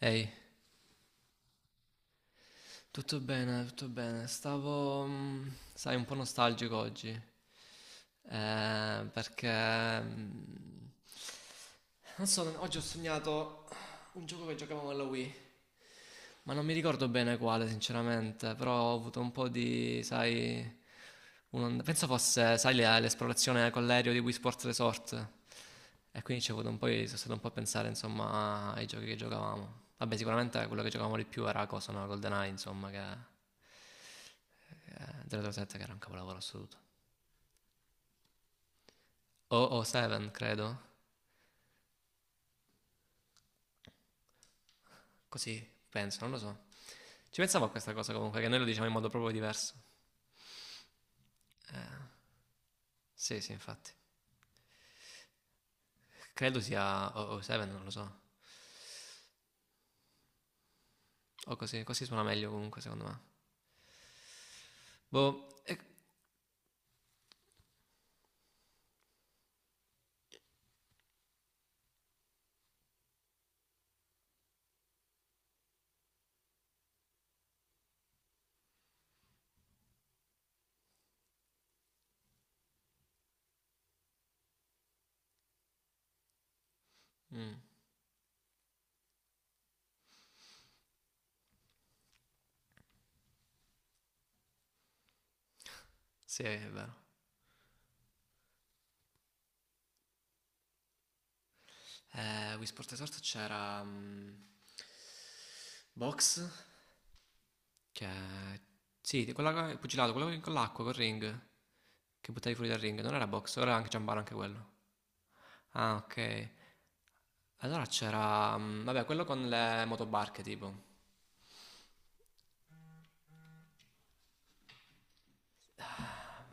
Ehi, tutto bene, tutto bene. Stavo, sai, un po' nostalgico oggi. Eh, perché... mm, Non so, oggi ho sognato un gioco che giocavamo alla Wii. Ma non mi ricordo bene quale, sinceramente. Però ho avuto un po' di, sai. Penso fosse, sai, l'esplorazione con l'aereo di Wii Sports Resort. E quindi ci ho avuto un po', sono stato un po' a pensare, insomma, ai giochi che giocavamo. Vabbè, sicuramente quello che giocavamo di più era cosa, no? GoldenEye, insomma, che. 007 che era un capolavoro assoluto. O 07, credo. Così, penso, non lo so. Ci pensavo a questa cosa comunque, che noi lo diciamo in modo proprio diverso. Eh, sì, sì, infatti. Credo sia 007, non lo so. O così, così suona meglio comunque, secondo me. Boh, mm, sì, è vero. Wii Sport Resort c'era Box, che. Sì, di quella, il pugilato, quello con l'acqua, col ring, che buttavi fuori dal ring. Non era Box, ora era anche Giambaro, anche quello. Ah, ok. Allora c'era, vabbè, quello con le motobarche tipo.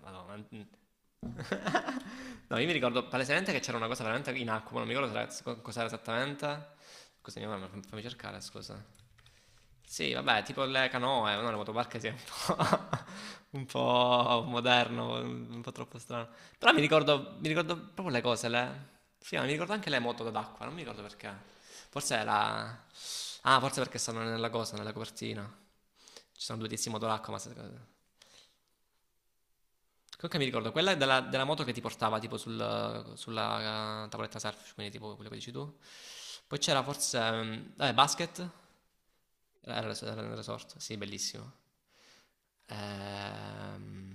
Madonna, no, io mi ricordo palesemente che c'era una cosa veramente in acqua, ma non mi ricordo se cos'era esattamente. Scusa, mia mamma, fammi cercare, scusa. Sì, vabbè, tipo le canoe, no, le motobarche sì, è un po', un po' moderno, un po' troppo strano. Però mi ricordo proprio le cose, le. Sì, ma mi ricordo anche le moto d'acqua, non mi ricordo perché. Forse è la. Ah, forse perché stanno nella cosa, nella copertina. Ci sono due tizi in moto d'acqua. Comunque mi ricordo, quella della moto che ti portava tipo sulla tavoletta surf, quindi tipo quello che dici tu. Poi c'era forse, vabbè, basket, era il resort, sì, bellissimo. Ehm,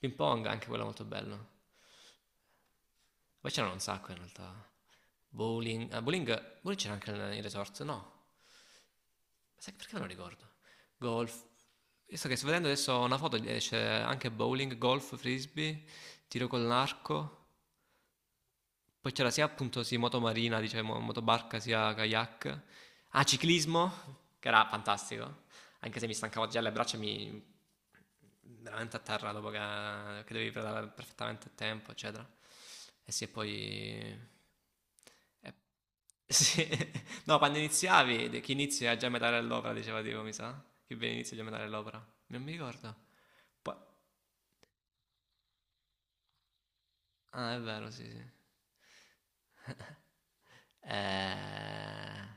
ping pong, anche quello molto bello. Poi c'erano un sacco in realtà. Bowling, ah, bowling c'era anche nel resort, no? Sai perché non ricordo? Golf. Io sto che sto vedendo adesso una foto, c'è anche bowling, golf, frisbee, tiro con l'arco. Poi c'era sia appunto sì, moto marina, diciamo, motobarca, sia kayak. Ah, ciclismo, che era fantastico, anche se mi stancavo già le braccia, mi veramente a terra dopo che dovevi pedalare perfettamente a tempo, eccetera. E sì, e poi. e- sì. No, quando iniziavi, chi inizia è già a metà dell'opera, diceva tipo, mi sa. Chi bene inizia è già a metà dell'opera. Non mi ricordo. Poi. Ah, è vero, sì, sì. Eh,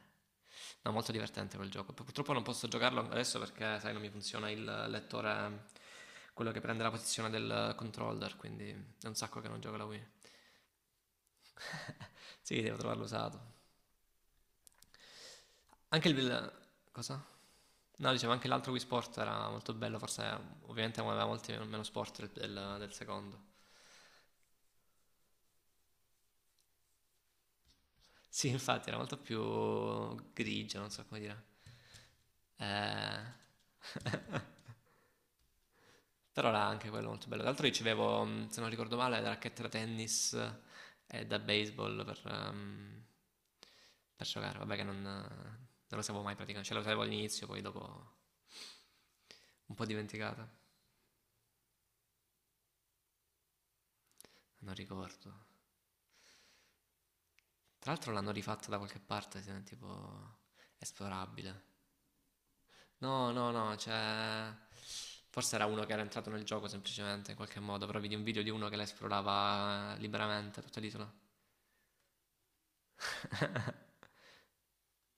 no, molto divertente quel gioco. Purtroppo non posso giocarlo adesso perché, sai, non mi funziona il lettore, quello che prende la posizione del controller, quindi è un sacco che non gioco la Wii. Sì, devo trovarlo usato. Anche il, cosa? No, dicevo, anche l'altro Wii Sport era molto bello, forse ovviamente aveva molti meno sport del secondo. Sì, infatti, era molto più grigio, non so come dire. Eh... Però era anche quello molto bello. Tra l'altro ricevevo, se non ricordo male, da racchette da tennis e da baseball per giocare. Vabbè che non lo sapevo mai praticamente. Cioè lo sapevo all'inizio, poi dopo un po' dimenticata. Non ricordo. Tra l'altro l'hanno rifatta da qualche parte, tipo esplorabile. No, no, no, cioè. Forse era uno che era entrato nel gioco semplicemente, in qualche modo. Però vedi un video di uno che la esplorava liberamente tutta l'isola.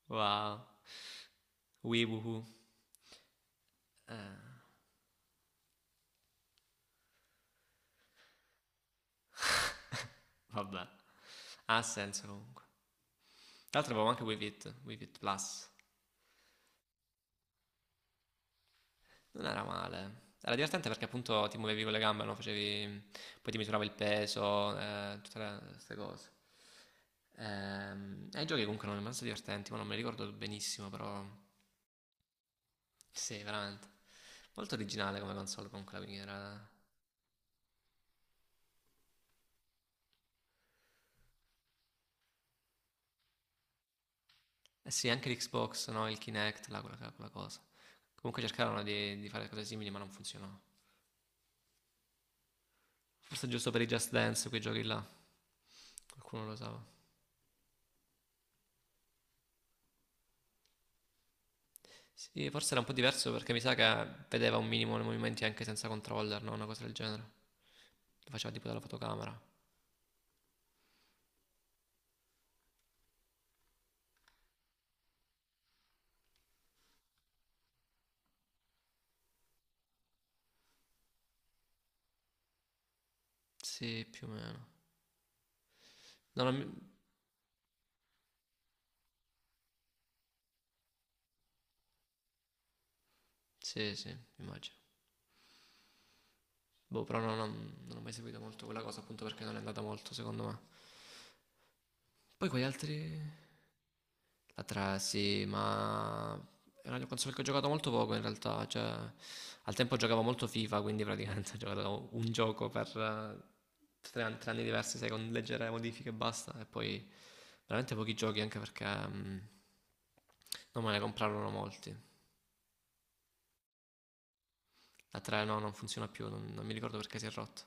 Wow. Wee woohoo. Vabbè. Ha senso comunque. Tra l'altro avevo anche Wii Fit, Wii Fit Plus. Non era male. Era divertente perché appunto ti muovevi con le gambe, no? Facevi. Poi ti misurava il peso, tutte queste cose. E i giochi comunque erano abbastanza divertenti, ma non mi ricordo benissimo, però. Sì, veramente. Molto originale come console comunque la Wii era. Eh sì, anche l'Xbox, no? Il Kinect, là, quella cosa. Comunque cercarono di fare cose simili, ma non funzionò. Forse giusto per i Just Dance, quei giochi là. Qualcuno lo usava. Sì, forse era un po' diverso perché mi sa che vedeva un minimo nei movimenti anche senza controller, no? Una cosa del genere. Lo faceva tipo dalla fotocamera. Sì, più o meno. No, non mi- sì, sì, immagino. Boh, però no, non ho mai seguito molto quella cosa appunto perché non è andata molto, secondo me. Poi quegli altri. La 3, sì, ma. È una console che ho giocato molto poco in realtà, cioè. Al tempo giocavo molto FIFA, quindi praticamente ho giocato un gioco per tre anni diversi, sai, con leggere modifiche e basta, e poi veramente pochi giochi anche perché non me ne comprarono molti. La 3 no, non funziona più, non mi ricordo perché si è rotto.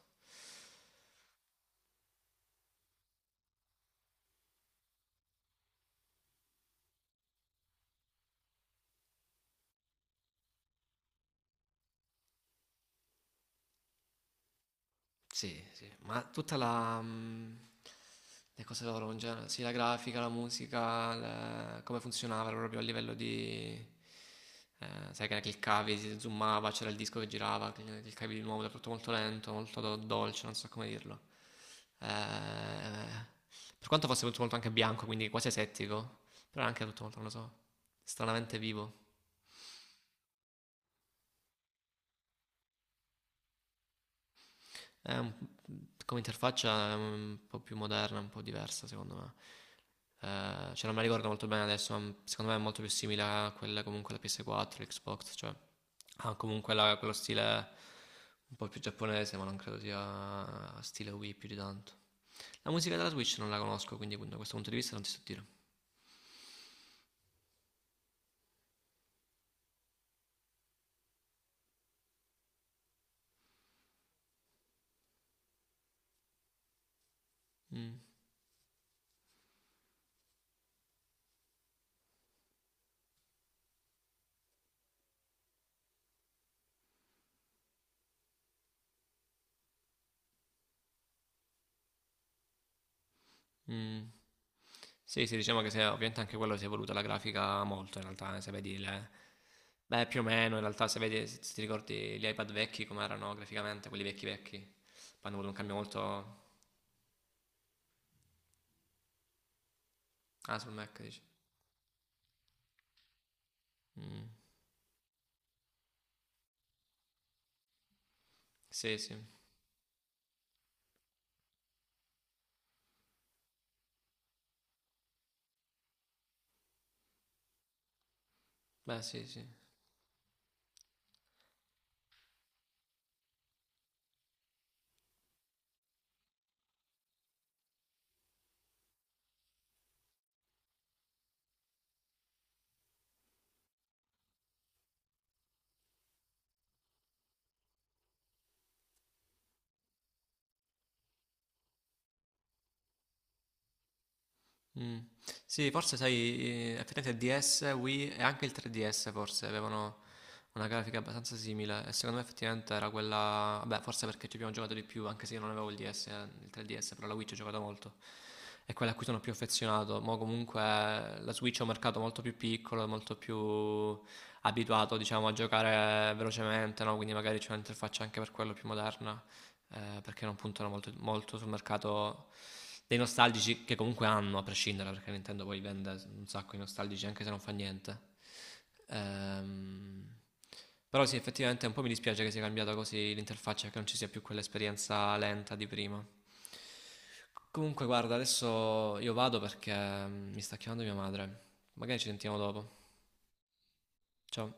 Sì, sì, ma tutta le cose loro in genere, sì, la grafica, la musica, come funzionava proprio a livello di. Sai che ne cliccavi, si zoomava, c'era il disco che girava, cliccavi di nuovo, era tutto molto lento, molto dolce, non so come dirlo. Eh, per quanto fosse tutto molto anche bianco, quindi quasi asettico, però era anche tutto molto, non lo so, stranamente vivo. È un- Come interfaccia è un po' più moderna, un po' diversa secondo me. Cioè non me la ricordo molto bene adesso, ma secondo me è molto più simile a quella comunque la PS4, l'Xbox, cioè ha comunque quello stile un po' più giapponese, ma non credo sia stile Wii più di tanto. La musica della Switch non la conosco, quindi da questo punto di vista non ti so dire. Mm, mm. Sì, sì, diciamo che se, ovviamente anche quello si è evoluta la grafica molto in realtà, se vedi le, beh, più o meno, in realtà se vedi, se ti ricordi gli iPad vecchi come erano graficamente, quelli vecchi vecchi, poi hanno avuto un cambio molto. Ah, sul Mac dici? Mm. Sì, sì. Beh, sì, sì. Mm. Sì, forse sai, effettivamente il DS, Wii e anche il 3DS forse avevano una grafica abbastanza simile e secondo me effettivamente era quella, beh, forse perché ci abbiamo giocato di più, anche se io non avevo il DS, il 3DS, però la Wii ci ho giocato molto. È quella a cui sono più affezionato. Ma comunque la Switch è un mercato molto più piccolo, e molto più abituato, diciamo, a giocare velocemente, no? Quindi magari c'è un'interfaccia anche per quello più moderna, perché non puntano molto, molto sul mercato dei nostalgici che comunque hanno, a prescindere, perché Nintendo poi vende un sacco di nostalgici anche se non fa niente. Ehm, Però sì, effettivamente un po' mi dispiace che sia cambiata così l'interfaccia, che non ci sia più quell'esperienza lenta di prima. Comunque, guarda, adesso io vado perché mi sta chiamando mia madre. Magari ci sentiamo dopo. Ciao.